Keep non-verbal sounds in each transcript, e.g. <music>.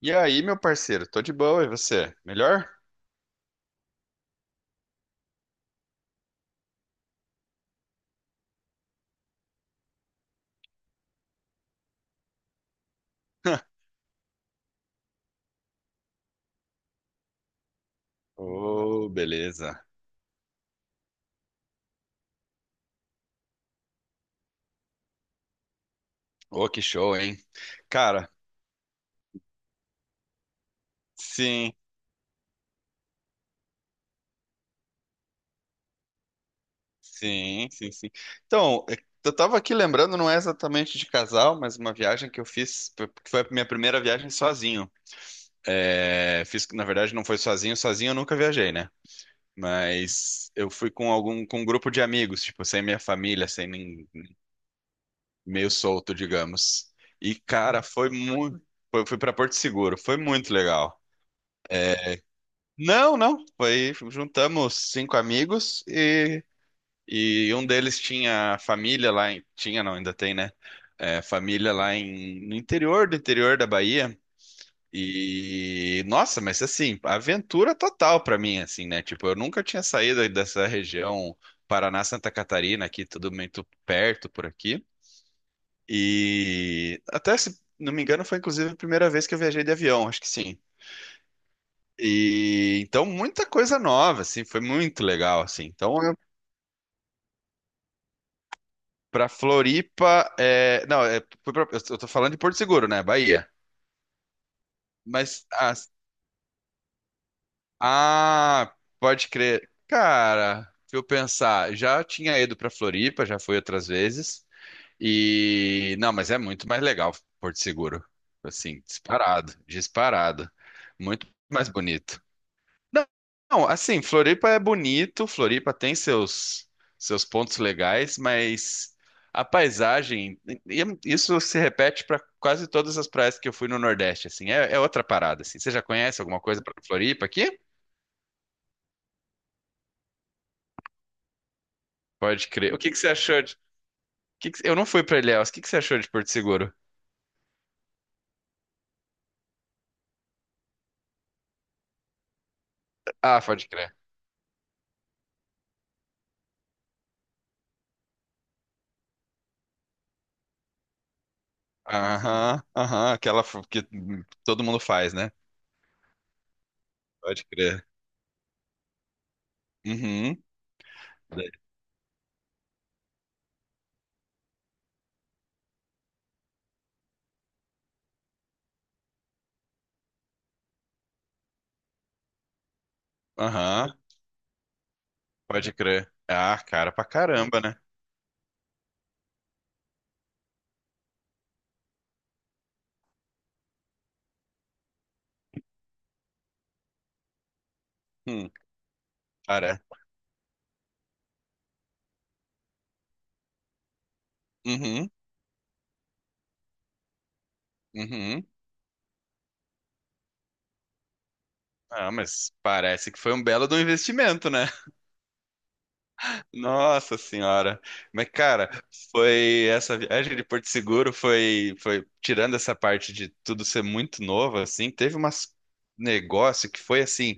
E aí, meu parceiro? Tô de boa, e você? Melhor? <laughs> Ô, beleza. Ô, que show, hein? Cara, sim, sim, sim, sim. Então, eu tava aqui lembrando, não é exatamente de casal, mas uma viagem que eu fiz, que foi a minha primeira viagem sozinho. É, fiz, na verdade, não foi sozinho, sozinho eu nunca viajei, né? Mas eu fui com algum, com um grupo de amigos, tipo, sem minha família, sem nem, meio solto, digamos. E, cara, foi muito, fui pra Porto Seguro, foi muito legal. Não, não. Foi, juntamos cinco amigos e um deles tinha família lá em, tinha não, ainda tem, né? É, família lá em, no interior do interior da Bahia. E nossa, mas assim, aventura total pra mim, assim, né? Tipo, eu nunca tinha saído dessa região Paraná, Santa Catarina, aqui tudo muito perto por aqui. E até se não me engano, foi inclusive a primeira vez que eu viajei de avião, acho que sim. E então muita coisa nova, assim, foi muito legal, assim. Então eu, pra Floripa, é, não, é, fui pra- eu tô falando de Porto Seguro, né, Bahia. Mas ah, pode crer. Cara, se eu pensar, já tinha ido pra Floripa, já fui outras vezes. E não, mas é muito mais legal Porto Seguro. Assim, disparado, disparado. Muito mais bonito. Não, não, assim, Floripa é bonito, Floripa tem seus pontos legais, mas a paisagem, e isso se repete para quase todas as praias que eu fui no Nordeste, assim, é outra parada, assim. Você já conhece alguma coisa para Floripa aqui? Pode crer. O que que você achou de — Eu não fui para Ilhéus, o que que você achou de Porto Seguro? Ah, pode crer. Aham, aham, aquela que todo mundo faz, né? Pode crer. Uhum. Aham, pode crer. Ah, cara pra caramba, né? Hum, cara. Uhum, uhum. Ah, mas parece que foi um belo do investimento, né? <laughs> Nossa senhora. Mas, cara, foi essa viagem de Porto Seguro foi tirando essa parte de tudo ser muito novo, assim, teve umas negócio que foi assim.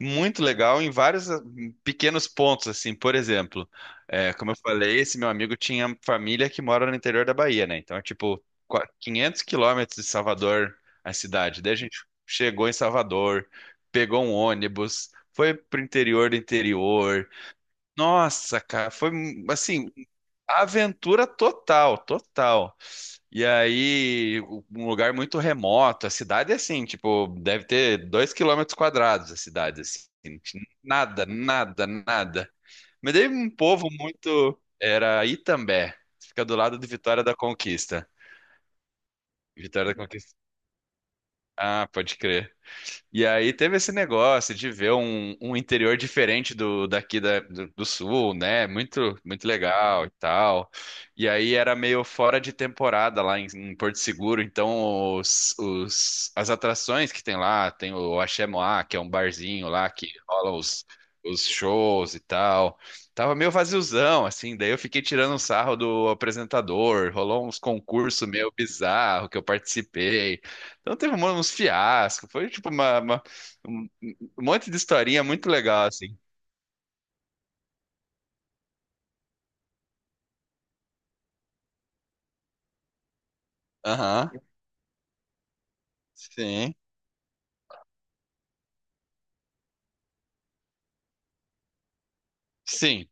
Muito legal em vários pequenos pontos, assim, por exemplo, como eu falei, esse meu amigo tinha família que mora no interior da Bahia, né? Então é tipo 500 quilômetros de Salvador, a cidade. Daí a gente chegou em Salvador, pegou um ônibus, foi pro interior do interior. Nossa, cara, foi assim, aventura total, total. E aí, um lugar muito remoto, a cidade é assim, tipo, deve ter 2 quilômetros quadrados a cidade, assim, tipo, nada, nada, nada. Mas daí um povo muito, era Itambé, fica do lado de Vitória da Conquista. Vitória da Conquista. Ah, pode crer. E aí teve esse negócio de ver um, interior diferente do daqui do sul, né? Muito, muito legal e tal. E aí era meio fora de temporada lá em, Porto Seguro, então as atrações que tem lá, tem o Axé Moá, que é um barzinho lá que rola os shows e tal. Tava meio vaziozão, assim, daí eu fiquei tirando um sarro do apresentador, rolou uns concursos meio bizarro que eu participei. Então teve uns fiascos, foi tipo um monte de historinha muito legal, assim. Aham, sim, sim.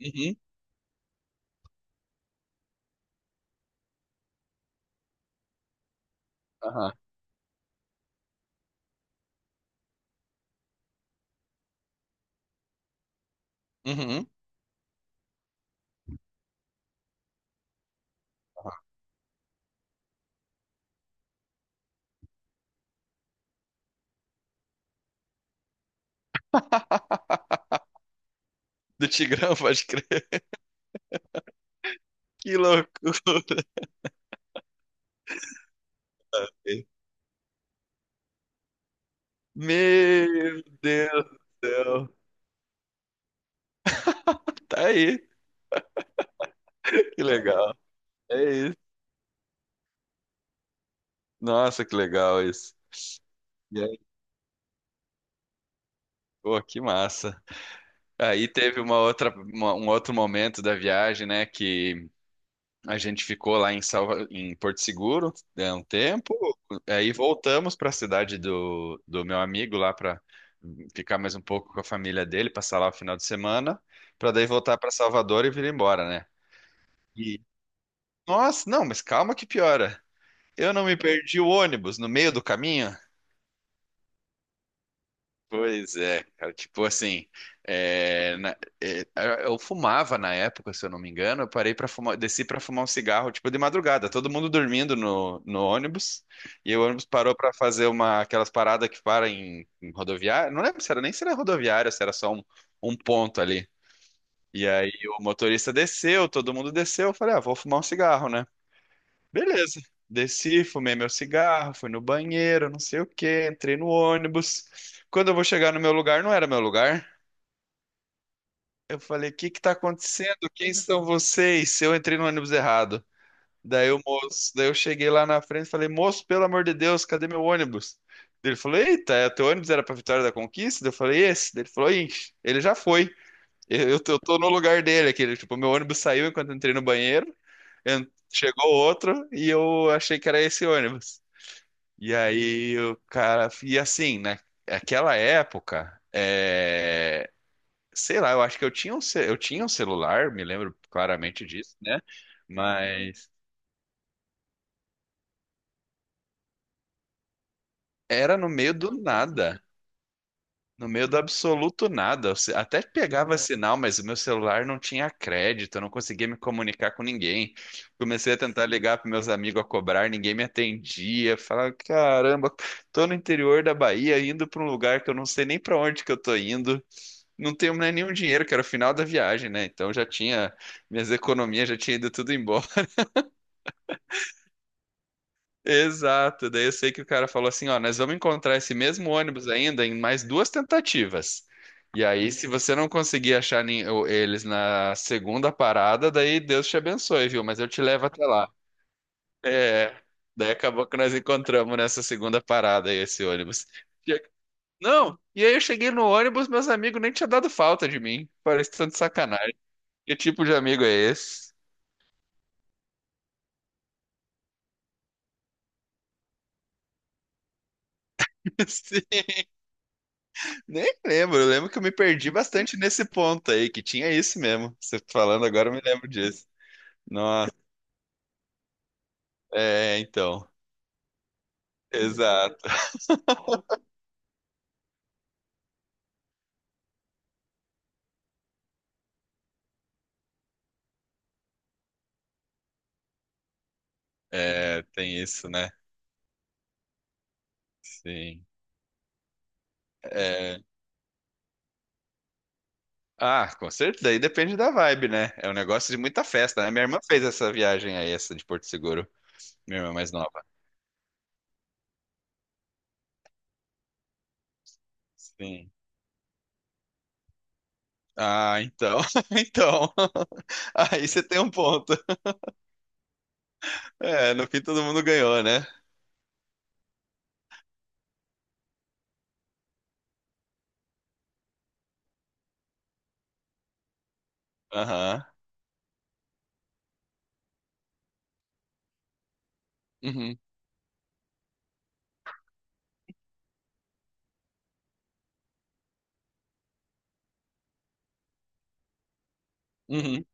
Uhum, aham, uhum, aham. Do Tigrão, <laughs> pode crer. Que loucura. Velho. Meu Deus do céu. Tá aí, que legal. É isso. Nossa, que legal isso. E aí? Pô, que massa. Aí teve uma outra, um outro momento da viagem, né, que a gente ficou lá em em Porto Seguro um tempo, aí voltamos para a cidade do meu amigo lá para ficar mais um pouco com a família dele, passar lá o final de semana, para daí voltar para Salvador e vir embora, né? E nossa, não, mas calma que piora. Eu não me perdi o ônibus no meio do caminho. Pois é, cara, tipo assim, é, na- eu fumava na época, se eu não me engano, eu parei para fumar, desci para fumar um cigarro, tipo de madrugada, todo mundo dormindo no, ônibus, e o ônibus parou para fazer uma aquelas paradas que param em, rodoviária, não lembro se era nem se era rodoviária, se era só um ponto ali. E aí o motorista desceu, todo mundo desceu, eu falei, ah, vou fumar um cigarro, né? Beleza. Desci, fumei meu cigarro, fui no banheiro, não sei o quê, entrei no ônibus. Quando eu vou chegar no meu lugar, não era meu lugar. Eu falei, o que que tá acontecendo? Quem são vocês? Eu entrei no ônibus errado. Daí o moço, daí eu cheguei lá na frente e falei, moço, pelo amor de Deus, cadê meu ônibus? Daí ele falou, eita, teu ônibus era pra Vitória da Conquista? Daí eu falei, esse. Daí ele falou, ixi, ele já foi. Eu tô no lugar dele aqui. Tipo, meu ônibus saiu enquanto eu entrei no banheiro, en- chegou outro e eu achei que era esse ônibus. E aí o cara. E assim, naquela época, sei lá, eu acho que eu tinha eu tinha um celular, me lembro claramente disso, né? Mas era no meio do nada. No meio do absoluto nada. Eu se- Até pegava sinal, mas o meu celular não tinha crédito, eu não conseguia me comunicar com ninguém. Comecei a tentar ligar para meus amigos a cobrar, ninguém me atendia. Falava, caramba, tô no interior da Bahia, indo para um lugar que eu não sei nem para onde que eu tô indo. Não tenho nem nenhum dinheiro, que era o final da viagem, né? Então já tinha, minhas economias já tinha ido tudo embora. <laughs> Exato. Daí eu sei que o cara falou assim, ó, nós vamos encontrar esse mesmo ônibus ainda em mais duas tentativas. E aí, se você não conseguir achar eles na segunda parada, daí Deus te abençoe, viu? Mas eu te levo até lá. É, daí acabou que nós encontramos nessa segunda parada aí, esse ônibus. E eu- Não, e aí eu cheguei no ônibus, meus amigos nem tinham dado falta de mim. Parece tanto sacanagem. Que tipo de amigo é esse? <laughs> Sim, nem lembro, eu lembro que eu me perdi bastante nesse ponto aí, que tinha isso mesmo. Você falando agora, eu me lembro disso. Nossa, é, então, exato. É, tem isso, né? Sim. É, Ah, com certeza, aí depende da vibe, né? É um negócio de muita festa, né? Minha irmã fez essa viagem aí, essa de Porto Seguro, minha irmã mais nova. Sim. Ah, então, <laughs> então. <laughs> Aí você tem um ponto. É, no fim todo mundo ganhou, né? Aham. Uhum. Uhum.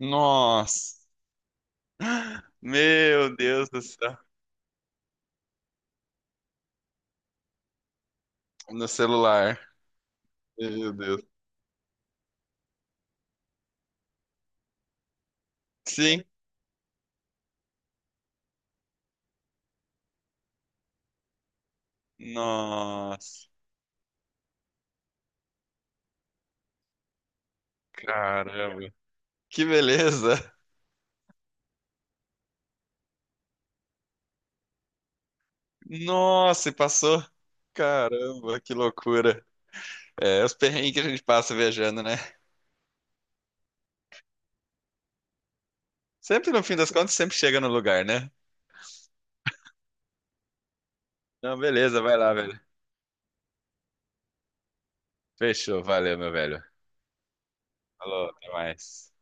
Nossa. Meu Deus do céu. No celular. Meu Deus. Sim. Nossa, caramba. Que beleza. Nossa, e passou. Caramba, que loucura. É, os perrengues que a gente passa viajando, né? Sempre no fim das contas, sempre chega no lugar, né? Não, beleza, vai lá, velho. Fechou, valeu, meu velho. Falou, até mais.